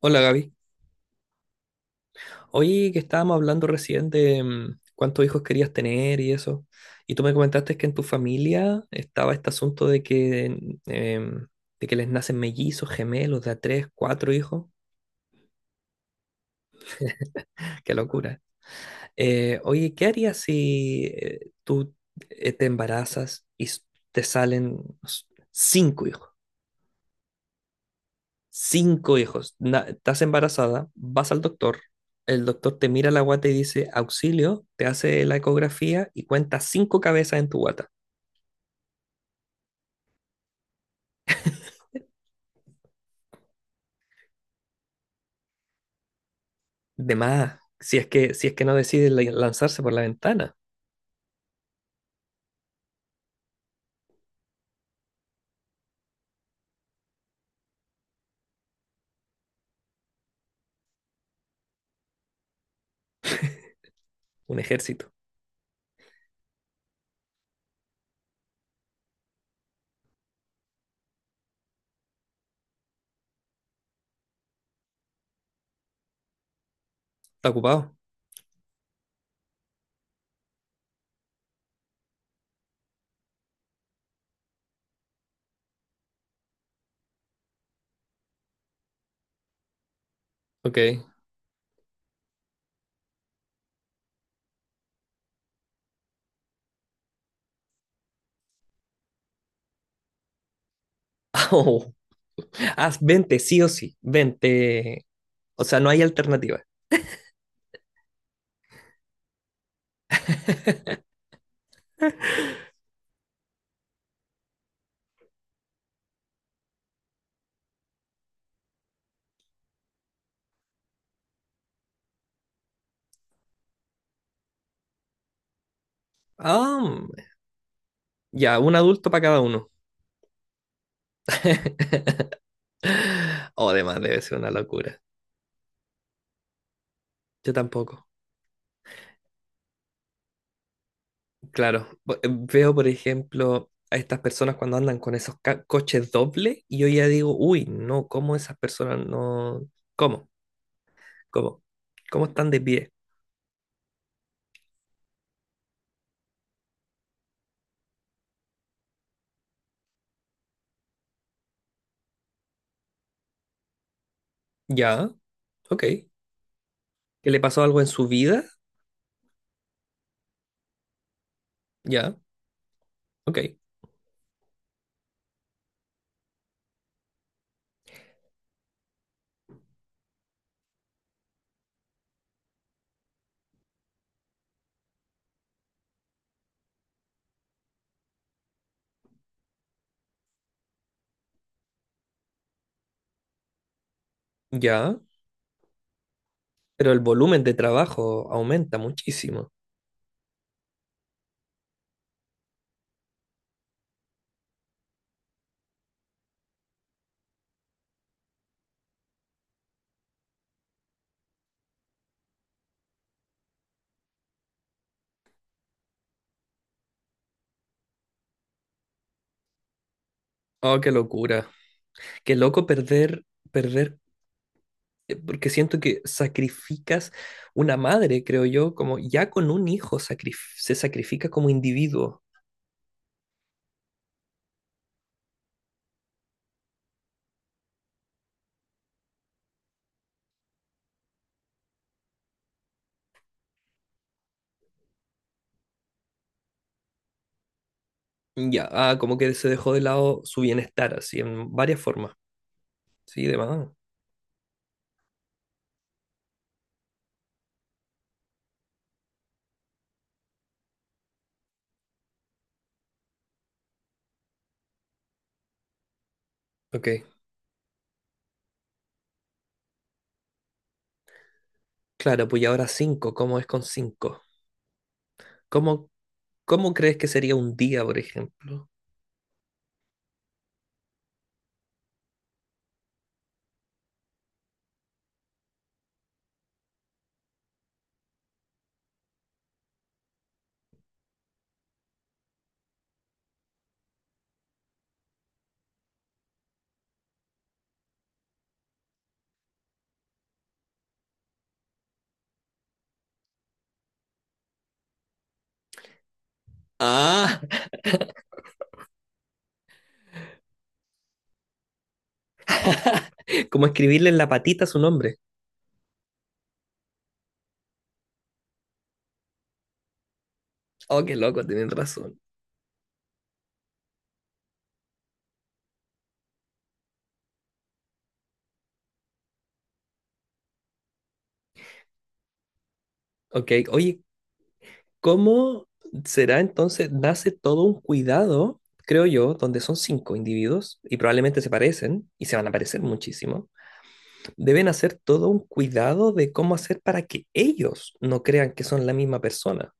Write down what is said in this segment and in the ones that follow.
Hola, Gaby. Oye, que estábamos hablando recién de cuántos hijos querías tener y eso. Y tú me comentaste que en tu familia estaba este asunto mm, em, de que les nacen mellizos, gemelos, de a tres, cuatro hijos. Qué locura. Oye, ¿qué harías si tú te embarazas y te salen no sé, ¿cinco hijos? Cinco hijos. Estás embarazada, vas al doctor, el doctor te mira la guata y dice, auxilio, te hace la ecografía y cuenta cinco cabezas en tu guata. De más, si es que no decides lanzarse por la ventana, un ejército. Está ocupado. Ok. Oh, haz 20 sí o sí. 20, o sea, no hay alternativa. Ah, ya, un adulto para cada uno. O además debe ser una locura. Yo tampoco. Claro, veo por ejemplo a estas personas cuando andan con esos coches dobles y yo ya digo, uy, no, ¿cómo esas personas no? ¿Cómo? ¿Cómo? ¿Cómo están de pie? Ya, ok. ¿Que le pasó algo en su vida? Ya, ok. Ya, pero el volumen de trabajo aumenta muchísimo. Oh, qué locura. Qué loco perder, porque siento que sacrificas una madre, creo yo, como ya con un hijo se sacrifica como individuo. Ya, ah, como que se dejó de lado su bienestar, así, en varias formas. Sí, de más. Ok. Claro, pues y ahora cinco, ¿cómo es con cinco? ¿Cómo, cómo crees que sería un día, por ejemplo? Ah, como escribirle en la patita su nombre. Oh, qué loco, tienen razón. Ok, oye, ¿cómo será entonces? Nace todo un cuidado, creo yo, donde son cinco individuos y probablemente se parecen y se van a parecer muchísimo. Deben hacer todo un cuidado de cómo hacer para que ellos no crean que son la misma persona,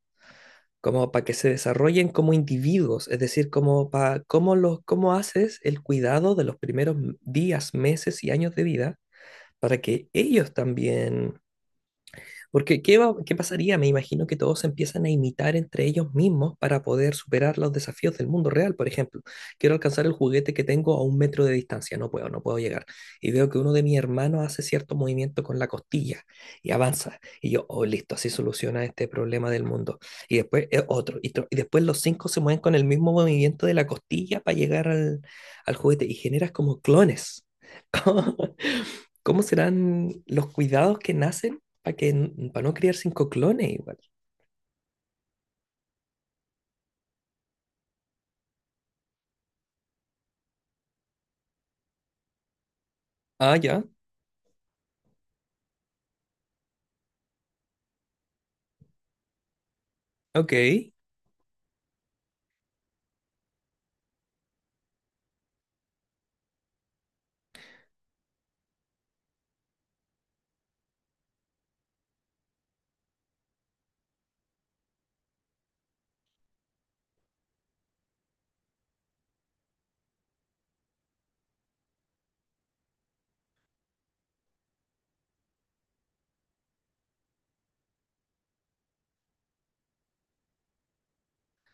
como para que se desarrollen como individuos, es decir, como para cómo los cómo haces el cuidado de los primeros días, meses y años de vida para que ellos también porque qué pasaría? Me imagino que todos se empiezan a imitar entre ellos mismos para poder superar los desafíos del mundo real. Por ejemplo, quiero alcanzar el juguete que tengo a 1 metro de distancia, no puedo, no puedo llegar. Y veo que uno de mis hermanos hace cierto movimiento con la costilla y avanza. Y yo, oh, listo, así soluciona este problema del mundo. Y después otro, y, otro. Y después los cinco se mueven con el mismo movimiento de la costilla para llegar al juguete y generas como clones. ¿Cómo, cómo serán los cuidados que nacen para que, para no criar cinco clones igual? Ah, ya. Ok.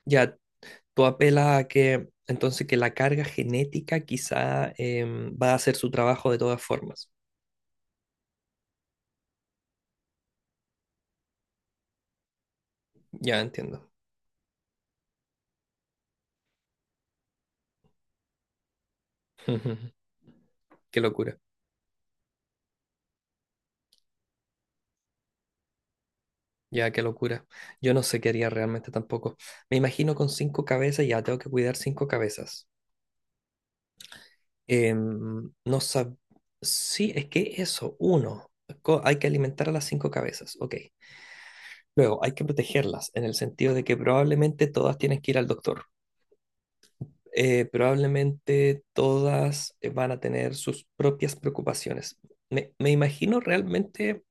Ya, tú apelas a que entonces que la carga genética quizá va a hacer su trabajo de todas formas. Ya entiendo. Qué locura. Ya, qué locura. Yo no sé qué haría realmente tampoco. Me imagino con cinco cabezas, ya tengo que cuidar cinco cabezas. No sab... Sí, es que eso, uno. Hay que alimentar a las cinco cabezas. Ok. Luego, hay que protegerlas en el sentido de que probablemente todas tienen que ir al doctor. Probablemente todas van a tener sus propias preocupaciones. Me imagino realmente,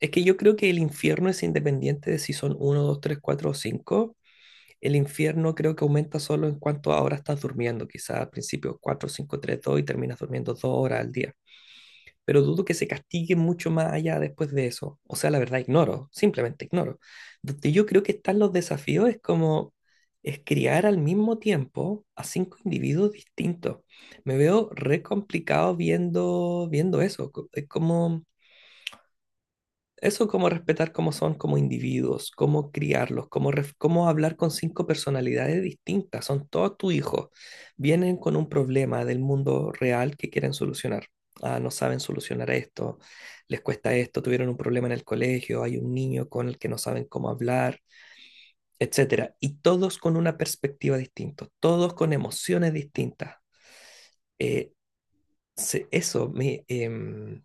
es que yo creo que el infierno es independiente de si son uno, 2, 3, 4 o 5. El infierno creo que aumenta solo en cuanto ahora estás durmiendo. Quizás al principio 4, 5, 3, 2 y terminas durmiendo 2 horas al día, pero dudo que se castigue mucho más allá después de eso. O sea, la verdad, ignoro, simplemente ignoro. Donde yo creo que están los desafíos es como es criar al mismo tiempo a cinco individuos distintos. Me veo re complicado viendo eso. Es como eso, como respetar cómo son como individuos, cómo criarlos, cómo hablar con cinco personalidades distintas. Son todos tus hijos. Vienen con un problema del mundo real que quieren solucionar. Ah, no saben solucionar esto, les cuesta esto, tuvieron un problema en el colegio, hay un niño con el que no saben cómo hablar, etcétera. Y todos con una perspectiva distinta, todos con emociones distintas. Eh, Eso,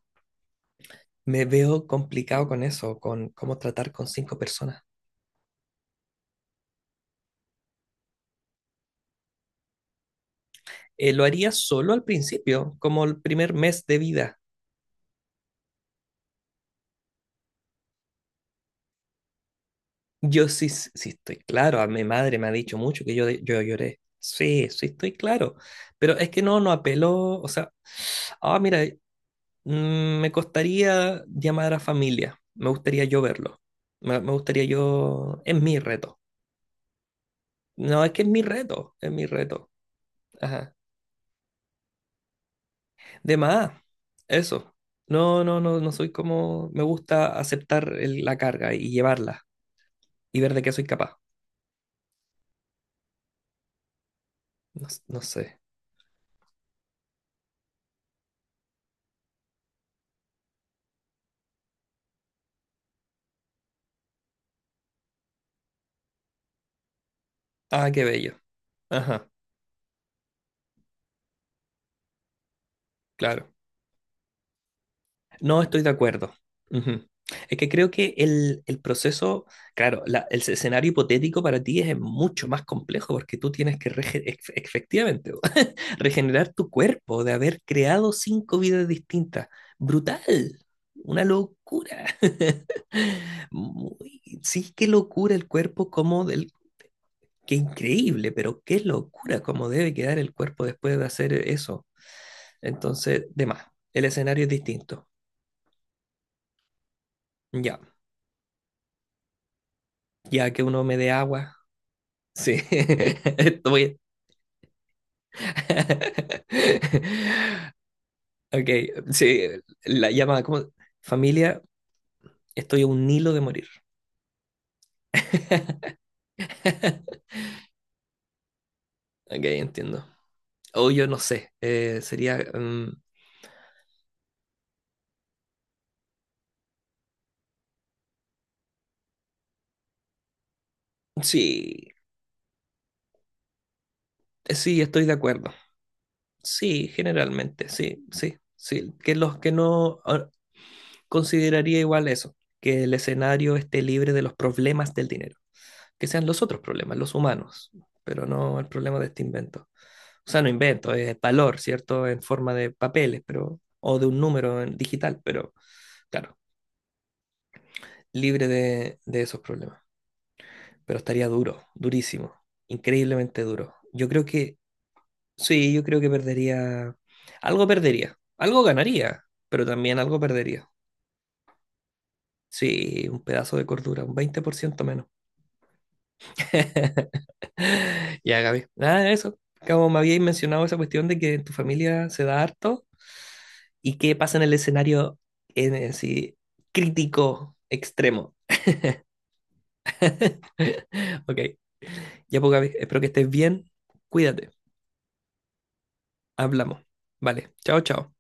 me veo complicado con eso, con cómo tratar con cinco personas. Lo haría solo al principio, como el primer mes de vida. Yo sí, sí sí estoy claro, a mi madre me ha dicho mucho que yo lloré. Sí, sí estoy claro, pero es que no apeló, o sea, ah, mira, me costaría llamar a familia, me gustaría yo verlo, me gustaría yo, es mi reto. No, es que es mi reto, es mi reto. Ajá. De más, eso. No, no, no, no soy como, me gusta aceptar la carga y llevarla y ver de qué soy capaz. No, no sé. Ah, qué bello. Ajá, claro. No estoy de acuerdo. Ujú. Es que creo que el proceso, claro, el escenario hipotético para ti es mucho más complejo porque tú tienes que efectivamente regenerar tu cuerpo de haber creado cinco vidas distintas. Brutal. Una locura. Sí, qué locura el cuerpo, como del, qué increíble, pero qué locura cómo debe quedar el cuerpo después de hacer eso. Entonces, de más, el escenario es distinto. Ya, ya que uno me dé agua. Sí, estoy. Ok, sí, la llama como familia, estoy a un hilo de morir. Ok, entiendo. O yo no sé, sería... sí, sí, estoy de acuerdo. Sí, generalmente, sí, sí, sí. Que los que no... ah, consideraría igual eso, que el escenario esté libre de los problemas del dinero, que sean los otros problemas, los humanos, pero no el problema de este invento. O sea, no invento, es valor, ¿cierto? En forma de papeles, pero, o de un número en digital, pero claro, libre de esos problemas. Pero estaría duro, durísimo, increíblemente duro. Yo creo que, sí, yo creo que perdería, algo ganaría, pero también algo perdería. Sí, un pedazo de cordura, un 20% menos. Ya, Gaby. Nada, eso. Como me habíais mencionado esa cuestión de que en tu familia se da harto y qué pasa en el escenario en sí crítico extremo. Ok. Ya, pues, Gaby, espero que estés bien. Cuídate. Hablamos. Vale. Chao, chao.